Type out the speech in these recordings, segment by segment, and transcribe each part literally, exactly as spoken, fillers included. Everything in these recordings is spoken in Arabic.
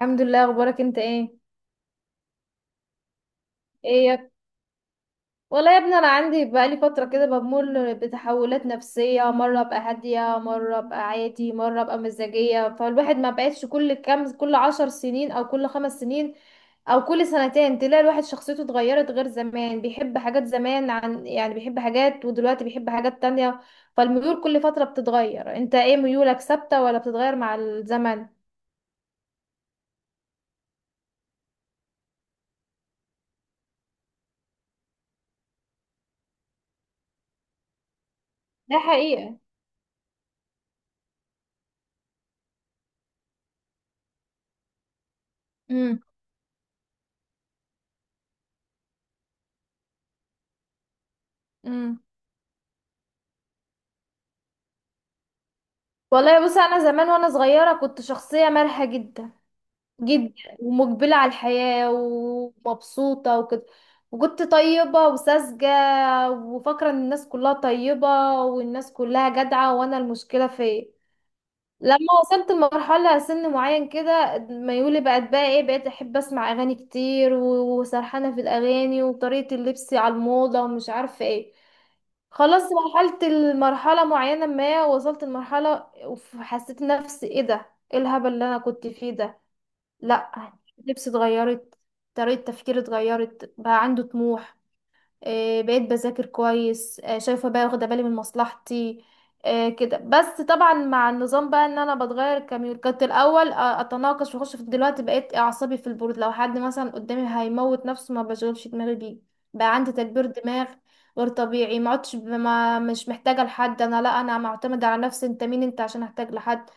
الحمد لله. اخبارك انت ايه؟ ايه يا. والله يا ابني انا عندي بقالي فتره كده بمر بتحولات نفسيه، مره ابقى هاديه، مره ابقى عادي، مره ابقى مزاجيه. فالواحد ما بقتش كل كام كل عشر سنين او كل خمس سنين او كل سنتين تلاقي الواحد شخصيته اتغيرت غير زمان، بيحب حاجات زمان عن يعني بيحب حاجات، ودلوقتي بيحب حاجات تانية. فالميول كل فتره بتتغير. انت ايه ميولك، ثابته ولا بتتغير مع الزمن؟ ده حقيقة. امم والله بص، انا زمان وانا صغيره كنت شخصيه مرحه جدا جدا، ومقبله على الحياه ومبسوطه وكده، وكنت طيبه وساذجه، وفاكره ان الناس كلها طيبه والناس كلها جدعه، وانا المشكله فيا. لما وصلت لمرحله سن معين كده، ميولي بقت بقى ايه، بقيت احب اسمع اغاني كتير و- وسرحانه في الاغاني، وطريقه اللبس على الموضه ومش عارفه ايه. خلاص مرحلة المرحلة معينة، ما وصلت لمرحلة وحسيت نفسي ايه ده، ايه الهبل اللي انا كنت فيه ده؟ لا، لبسي اتغيرت، طريقة تفكيري اتغيرت، بقى عنده طموح، آه، بقيت بذاكر كويس، آه، شايفه بقى واخده بالي من مصلحتي. آه، كده، بس طبعا مع النظام بقى ان انا بتغير كميول. كنت الاول آه، اتناقش واخش في، دلوقتي بقيت اعصابي في البرود. لو حد مثلا قدامي هيموت نفسه، ما بشغلش دماغي بيه. بقى عندي تكبير دماغ غير طبيعي. ما عدتش ب- ما مش محتاجه لحد، انا لا، انا معتمده على نفسي. انت مين انت عشان احتاج لحد؟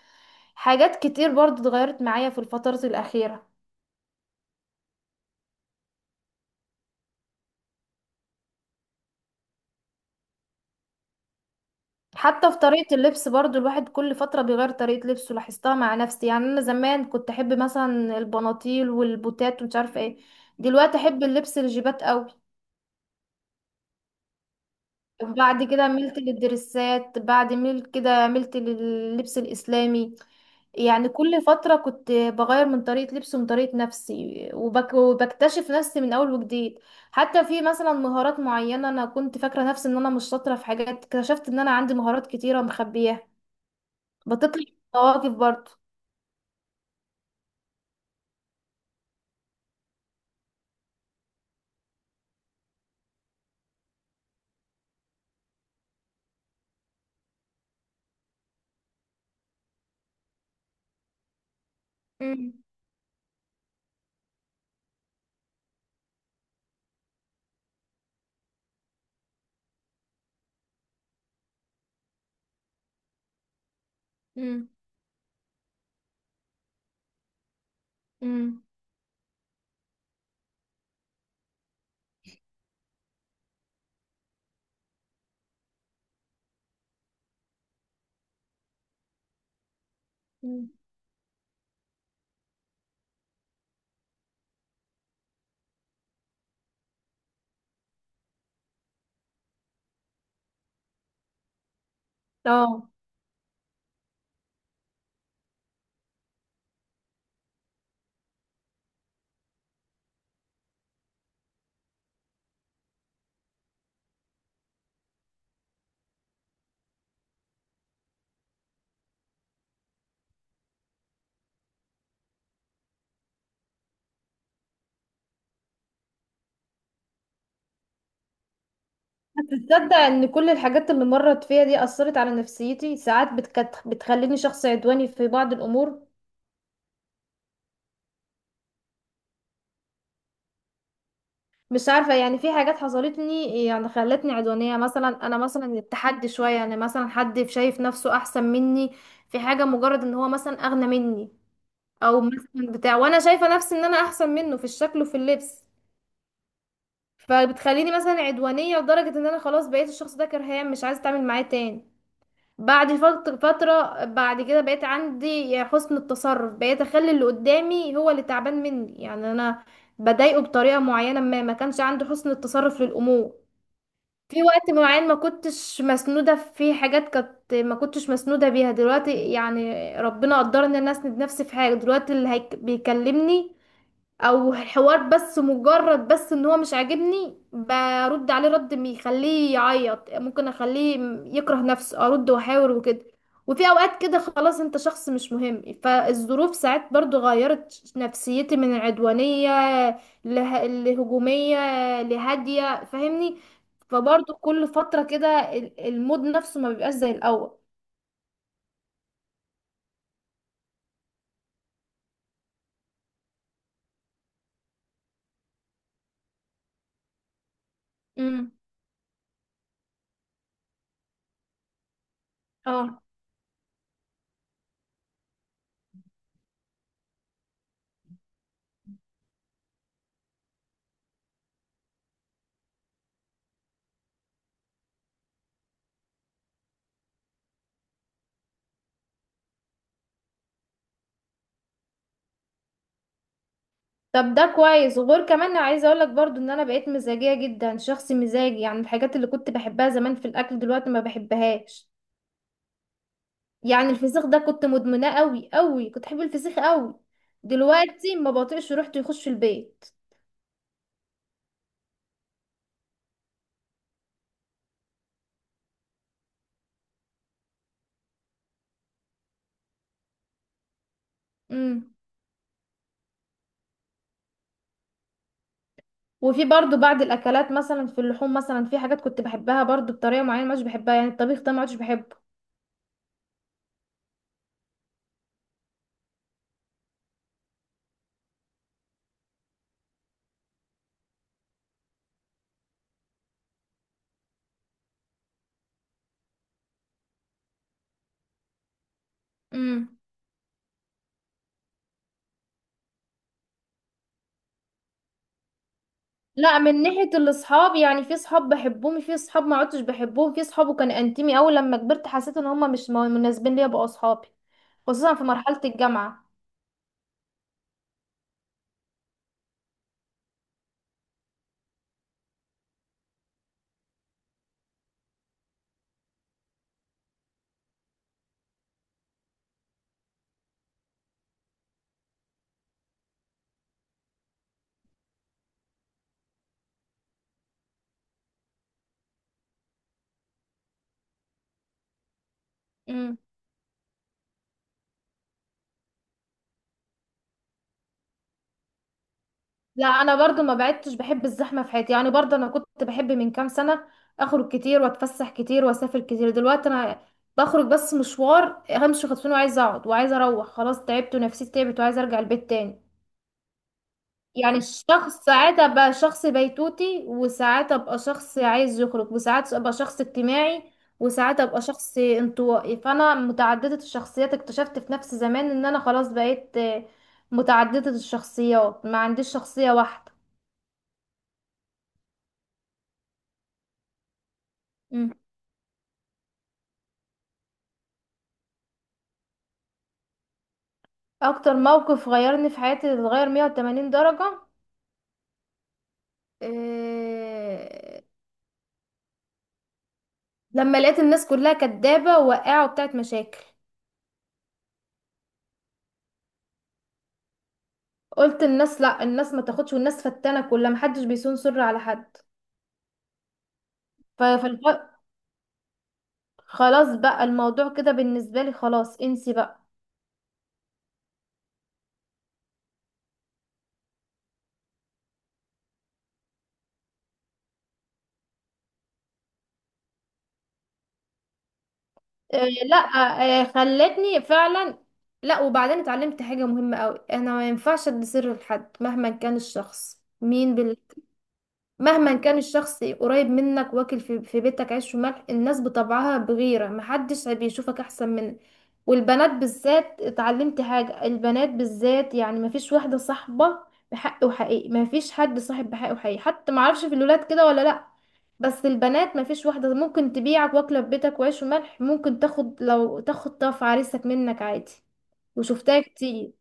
حاجات كتير برضو اتغيرت معايا في الفترة الأخيرة. حتى في طريقة اللبس برضو، الواحد كل فترة بيغير طريقة لبسه، لاحظتها مع نفسي. يعني أنا زمان كنت أحب مثلا البناطيل والبوتات ومش عارفة ايه، دلوقتي أحب اللبس الجيبات قوي. وبعد كده ملت للدرسات، بعد ملت كده ملت لللبس الإسلامي. يعني كل فترة كنت بغير من طريقة لبسي ومن طريقة نفسي، وبك... وبكتشف نفسي من أول وجديد. حتى في مثلا مهارات معينة، أنا كنت فاكرة نفسي إن أنا مش شاطرة في حاجات، اكتشفت إن أنا عندي مهارات كتيرة مخبياها. بطاطس وطواجن برضه. مم. مم. مم. مم. اه. بس تصدق ان كل الحاجات اللي مرت فيها دي اثرت على نفسيتي؟ ساعات بتكت... بتخليني شخص عدواني في بعض الامور. مش عارفه، يعني في حاجات حصلتني يعني خلتني عدوانيه. مثلا انا مثلا التحدي شويه، يعني مثلا حد شايف نفسه احسن مني في حاجه، مجرد ان هو مثلا اغنى مني، او مثلا بتاع، وانا شايفه نفسي ان انا احسن منه في الشكل وفي اللبس، فبتخليني مثلا عدوانية لدرجة ان انا خلاص بقيت الشخص ده كرهاه، مش عايزة اتعامل معاه تاني. بعد فت- فترة بعد كده، بقيت عندي حسن التصرف، بقيت اخلي اللي قدامي هو اللي تعبان مني. يعني انا بضايقه بطريقة معينة، ما ما كانش عندي حسن التصرف للامور. في وقت معين ما كنتش مسنودة في حاجات، كانت ما كنتش مسنودة بيها. دلوقتي يعني ربنا قدرني ان انا اسند نفسي في حاجة. دلوقتي اللي هيك- بيكلمني او الحوار، بس مجرد بس ان هو مش عاجبني، برد عليه رد بيخليه يعيط، ممكن اخليه م- يكره نفسه، ارد واحاور وكده. وفي اوقات كده خلاص، انت شخص مش مهم. فالظروف ساعات برضو غيرت نفسيتي من العدوانية له- لهجومية، لهادية، فاهمني؟ فبرضو كل فترة كده ال- المود نفسه ما بيبقاش زي الاول. امم اه. طب ده كويس. وغير كمان، عايزه اقول لك برضو ان انا بقيت مزاجيه جدا، شخص مزاجي. يعني الحاجات اللي كنت بحبها زمان في الاكل دلوقتي ما بحبهاش. يعني الفسيخ ده كنت مدمناه قوي قوي، كنت بحب الفسيخ قوي، دلوقتي ما بطيقش ريحته يخش في البيت. امم وفي برضو بعض الاكلات، مثلا في اللحوم، مثلا في حاجات كنت بحبها برضو بطريقه معينه مش بحبها. يعني الطبيخ ده ما عادش بحبه. امم لا، من ناحية الاصحاب يعني في صحاب بحبهم، في صحاب ما عدتش بحبهم، في صحاب وكان انتمي اوي لما كبرت حسيت ان هما مش م- مناسبين ليا بقوا اصحابي، خصوصا في مرحلة الجامعة. امم لا، انا برضو ما بعدتش بحب الزحمة في حياتي. يعني برضو انا كنت بحب من كام سنة اخرج كتير واتفسح كتير واسافر كتير. دلوقتي انا بخرج بس مشوار، همشي خطفين، وعايزة اقعد وعايزة اروح خلاص، تعبت ونفسيتي تعبت وعايزة ارجع البيت تاني. يعني الشخص ساعات ابقى شخص بيتوتي، وساعات ابقى شخص عايز يخرج، وساعات ابقى شخص اجتماعي، وساعات ابقى شخص انطوائي. فانا متعددة الشخصيات، اكتشفت في نفس زمان ان انا خلاص بقيت آه، متعددة الشخصيات، ما عنديش شخصية واحدة. مم. اكتر موقف غيرني في حياتي اتغير مية وتمانين درجة، إيه... لما لقيت الناس كلها كدابة وقاعة وبتاعت مشاكل، قلت الناس لا، الناس ما تاخدش، والناس فتانة كلها، محدش بيصون سر على حد. ف- فالف... خلاص بقى الموضوع كده بالنسبة لي، خلاص انسي بقى. آه لا. آه خلتني فعلا. لا، وبعدين اتعلمت حاجة مهمة قوي، انا ما ينفعش ادي سر لحد مهما كان الشخص مين. بال... مهما كان الشخص قريب منك واكل في, في, بيتك عيش وملح، الناس بطبعها بغيرة، محدش بيشوفك احسن منك. والبنات بالذات، اتعلمت حاجة، البنات بالذات يعني مفيش واحدة صاحبة بحق وحقيقي، مفيش حد صاحب بحق وحقيقي. حتى معرفش في الولاد كده ولا لا، بس البنات مفيش واحدة، ممكن تبيعك واكلة في بيتك وعيش وملح، ممكن تاخد، لو تاخد طرف عريسك منك عادي، وشفتها كتير.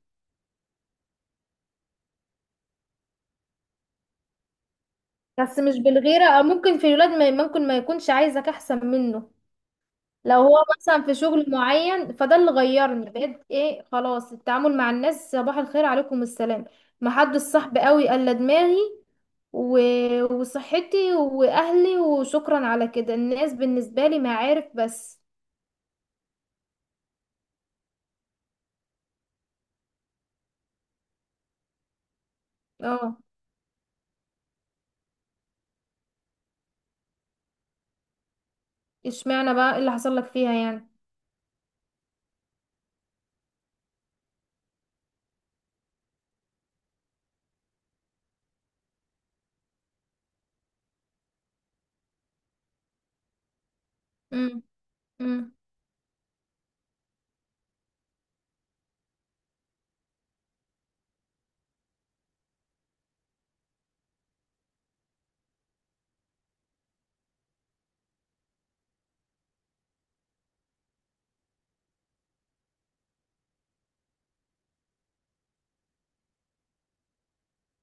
بس مش بالغيرة، او ممكن في الولاد ما- ممكن ما يكونش عايزك احسن منه لو هو مثلا في شغل معين. فده اللي غيرني، بقيت ايه خلاص، التعامل مع الناس صباح الخير عليكم السلام، محدش صاحب قوي الا دماغي و... وصحتي واهلي، وشكرا على كده، الناس بالنسبة لي معارف بس. اه. اشمعنى بقى، إيه اللي حصل لك فيها يعني؟ امم امم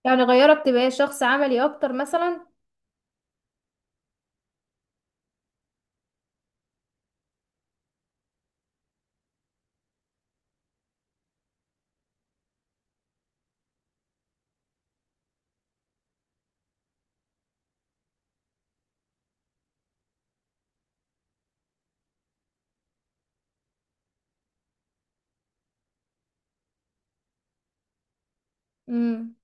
يعني غيرك تبقى شخص عملي اكتر مثلا؟ امم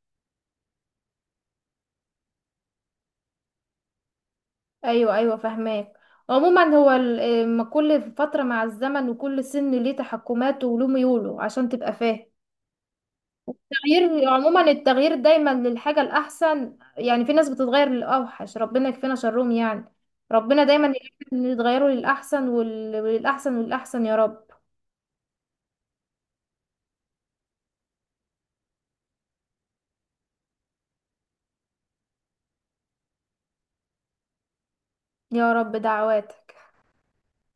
ايوه ايوه فاهماك. عموما هو ال- إيه، ما كل فتره مع الزمن وكل سن ليه تحكماته وله ميوله عشان تبقى فاهم. التغيير عموما التغيير دايما للحاجه الاحسن. يعني في ناس بتتغير للاوحش، ربنا يكفينا شرهم يعني. ربنا دايما يتغيروا للاحسن، وال- وللاحسن والاحسن يا رب. يا رب دعواتك.